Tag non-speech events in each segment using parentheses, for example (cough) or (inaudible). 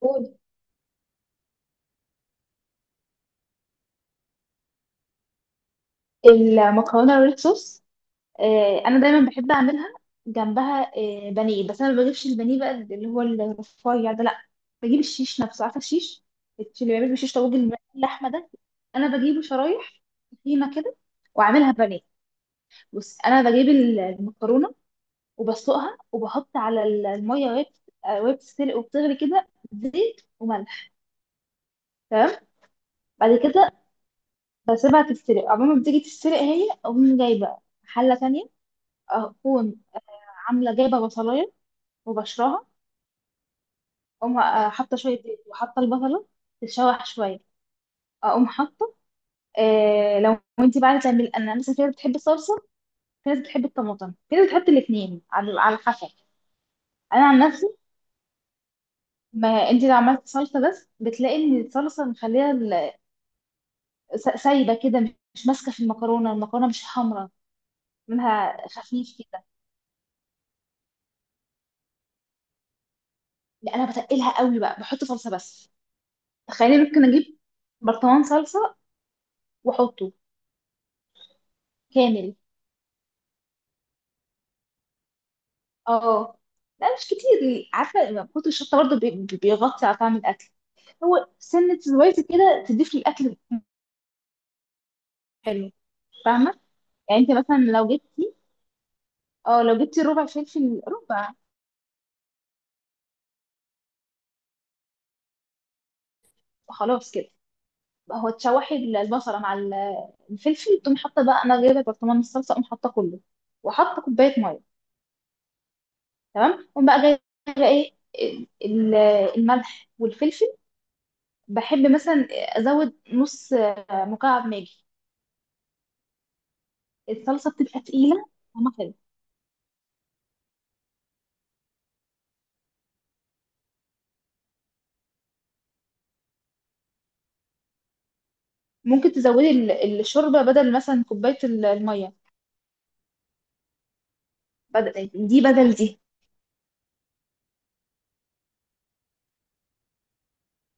قول. المكرونه الريد صوص، انا دايما بحب اعملها جنبها، بانيه. بس انا ما بجيبش البانيه بقى اللي هو الرفيع ده، لا. بجيب الشيش نفسه. عارفه الشيش اللي بيعمل بالشيش طاووق اللحمه ده. انا بجيبه شرايح تخينه كده، واعملها بانيه. بص، انا بجيب المكرونه وبسلقها، وبحط على الميه وهي وهي بتتسلق وبتغلي كده زيت وملح. تمام. بعد كده بسيبها تتسلق، عمال ما بتيجي تتسلق هي اقوم جايبه حله تانية، اكون عامله جايبه بصلايه وبشرها. اقوم حاطه شويه زيت وحاطه البصله، تتشوح شويه، اقوم حاطه. لو انت بقى تعمل، انا مثلا في ناس بتحب الصلصه، في ناس بتحب الطماطم، في ناس بتحط الاثنين، على حسب. انا عن نفسي، ما انت لو عملت صلصه بس بتلاقي ان الصلصه مخليها سايبه كده، مش ماسكه في المكرونه، المكرونه مش حمراء منها، خفيف كده. لا، انا بتقلها قوي بقى، بحط صلصه بس. تخيلي، ممكن اجيب برطمان صلصه واحطه كامل. اه. لا مش كتير، عارفه كتر الشطه برضه بيغطي على طعم الاكل. هو سنه زويته كده تضيف للاكل. حلو. فاهمه. يعني انت مثلا لو جبتي، اه لو جبتي ربع فلفل، ربع. خلاص كده بقى، هو تشوحي البصله مع الفلفل، تقوم حاطه بقى، انا جايبه برطمان الصلصه اقوم حاطه كله، وحاطه كوبايه ميه. تمام. اقوم بقى جايبه ايه، ال- الملح والفلفل. بحب مثلا ازود نص مكعب ماجي، الصلصه بتبقى تقيله، طعمها حلو. ممكن تزودي الشوربه بدل مثلا كوبايه الميه، بدل دي، بدل دي.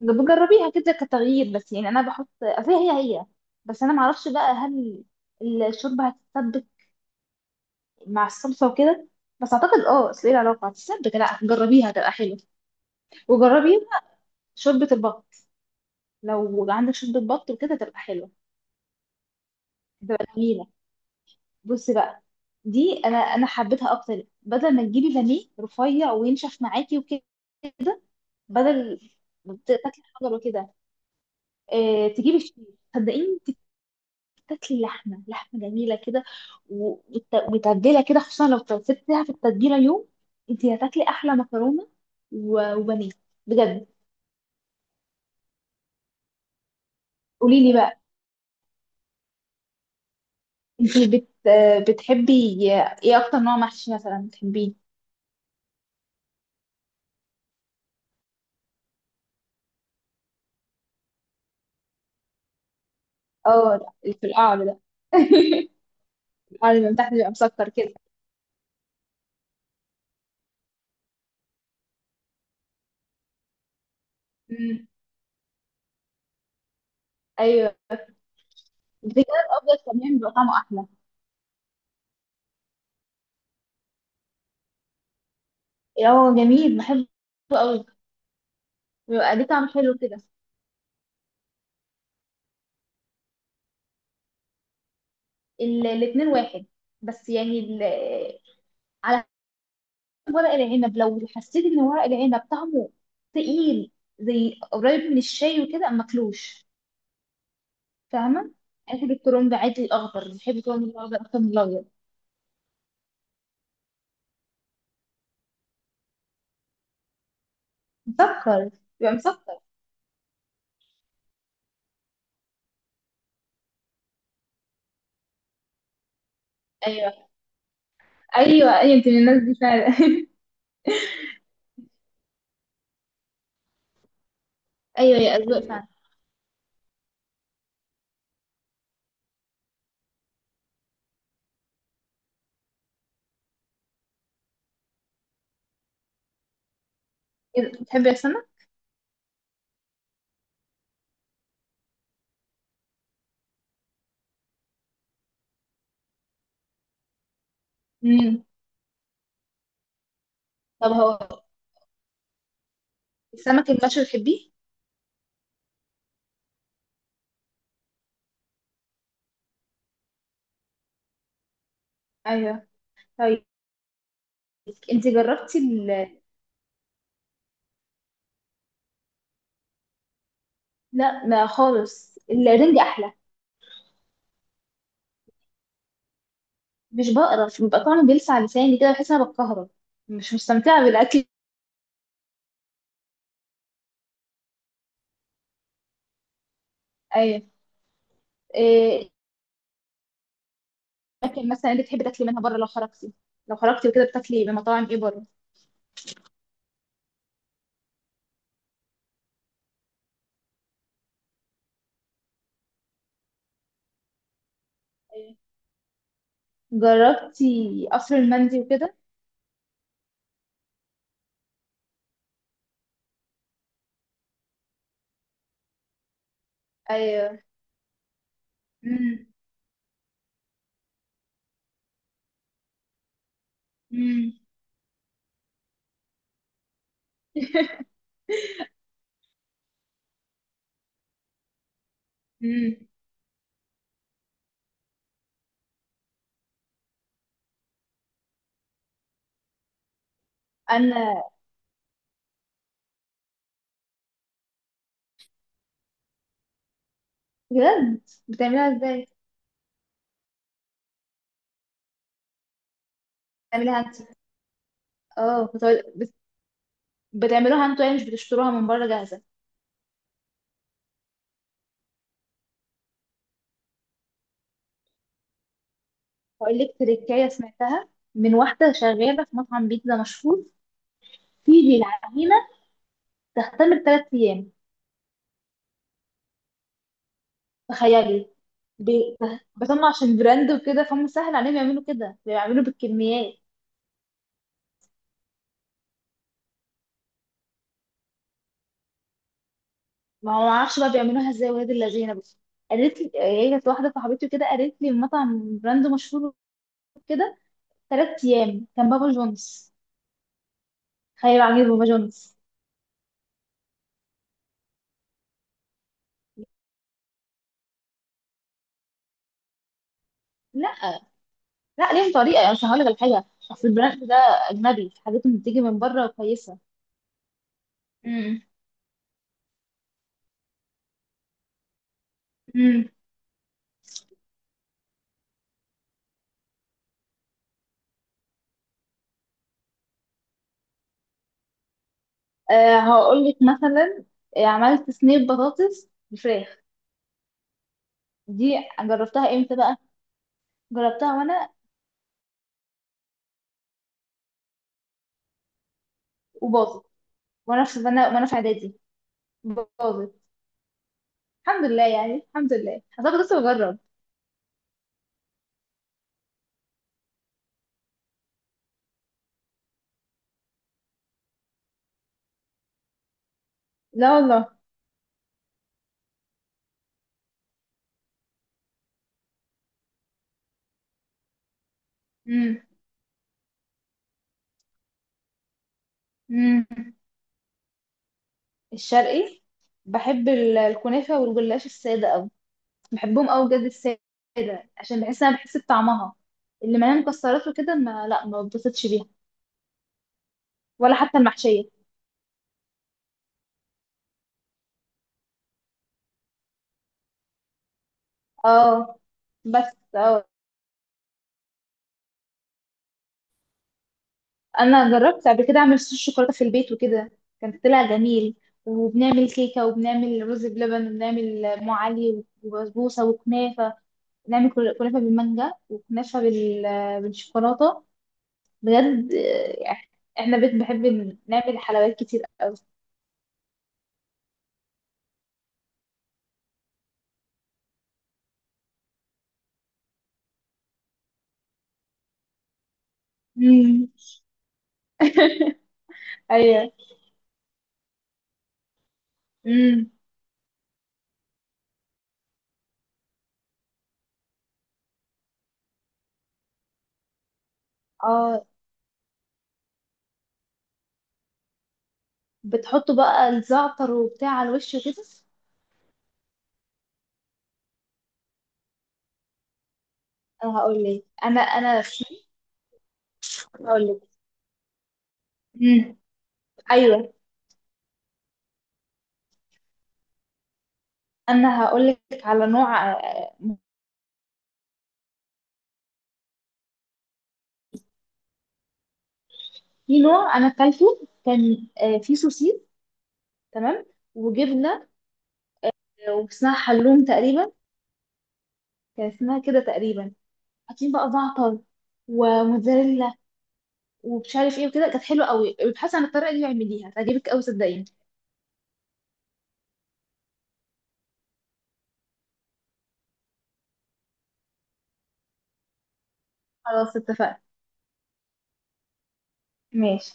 بجربيها كده كتغيير، بس يعني انا بحط، أصل هي. بس انا معرفش بقى هل الشوربه هتتسبك مع الصلصه وكده، بس اعتقد اه. اصل ايه العلاقه هتتسبك، لا جربيها تبقى حلوه. وجربي شوربه البط، لو عندك شوربه بط وكده تبقى حلوه، تبقى جميله. بصي بقى، دي انا حبيتها اكتر، بدل ما تجيبي بانيه رفيع وينشف معاكي وكده، بدل ما تاكلي حجر وكده، تجيبي الشيش. صدقيني، انت بتاكلي لحمه، لحمه جميله كده، ومتبله كده، خصوصا لو سبتيها في التتبيله يوم، انت هتاكلي احلى مكرونه وبانيه بجد. قولي لي بقى، انت بت آه، بتحبي ايه اكتر، نوع محشي مثلا بتحبيه؟ اه ده، اللي في القعر ده. (laughs) القعر اللي من تحت بيبقى مسكر كده. مم. ايوه. بتجيب الابيض كمان بيبقى طعمه احلى. اه جميل، بحبه قوي، بيبقى ليه طعم حلو كده. الاتنين واحد، بس يعني ال... على حسب. ورق العنب لو حسيت ان ورق العنب طعمه تقيل، زي قريب من الشاي وكده، ما اكلوش، فاهمه. انا بحب الكرنب عادي الاخضر، بحب الكرنب الاخضر اكتر من الابيض. مسكر، يبقى مسكر. ايوه. ايوه، ايوه، انت من الناس دي فعلا. (laughs) ايوه، يا اذواق فعلا. كده بتحبي السمك. امم. طب هو السمك المشوي بتحبيه؟ ايوه. طيب، انت جربتي ال... لا ما خالص، الرنج احلى. مش بقرف، بيبقى طعمه بيلسع لساني كده، بحس ان انا بتكهرب، مش مستمتعه بالاكل. ايه؟ إيه، الاكل مثلا انت بتحبي تاكلي منها بره لو خرجتي؟ لو خرجتي وكده بتاكلي من مطاعم ايه بره؟ إيه. جربتي قصر المندي وكده؟ ايوه. امم. امم. (laughs) امم. انا بجد، بتعمليها ازاي؟ بتعمليها انت؟ اه، بتعملوها انتوا يعني، مش بتشتروها من بره جاهزه؟ هقول لك تريكايه سمعتها من واحده شغاله في مطعم بيتزا مشهور، في العجينه تختم ب3 ايام. تخيلي. ب- بس هم عشان براند وكده فهم سهل عليهم يعملوا كده، بيعملوا بالكميات. ما هو معرفش بقى بيعملوها ازاي ولاد اللذينه. بس قالت لي هي، كانت واحده صاحبتي وكده، قالت لي مطعم براند مشهور كده، 3 ايام، كان بابا جونز. تخيل، عامل بابا جونز. لا. لا، ليهم طريقه يعني، مش هقول لك الحاجه، اصل البراند ده اجنبي، حاجات اللي بتيجي من بره كويسه. امم. امم. أه هقول لك مثلا، عملت صينيه بطاطس بالفراخ دي. جربتها امتى بقى؟ جربتها وانا، وباظت. وانا في اعدادي. باظت. الحمد لله يعني، الحمد لله، انا كنت لسه بجرب. لا والله. امم. امم. الشرقي، بحب الكنافه والجلاش الساده قوي. بحبهم قوي بجد، الساده، عشان بحس، انا بحس بطعمها. اللي مليانه مكسرات وكده، ما، لا، ما بتبسطش بيها، ولا حتى المحشيه. اه. بس اه، انا جربت قبل كده اعمل صوص شوكولاته في البيت وكده، كان طلع جميل. وبنعمل كيكه، وبنعمل رز بلبن، وبنعمل ام علي، وبسبوسه، وكنافه. بنعمل كنافه بالمانجا، وكنافه بال... بالشوكولاته بجد. احنا بيت بحب نعمل حلويات كتير قوي. امم. ايوه. امم. اه، بتحطوا بقى الزعتر وبتاع على الوش وكده؟ انا هقول لك انا انا في هقول لك. امم. ايوه، انا هقول لك على نوع، في نوع انا اكلته، كان فيه سوسيس. تمام. وجبنه، واسمها حلوم تقريبا، كان اسمها كده تقريبا. حاطين بقى زعتر وموتزاريلا ومش عارف ايه وكده، كانت حلوه قوي. ابحثي عن الطريقه دي واعمليها، تعجبك قوي صدقيني. خلاص اتفقنا. ماشي.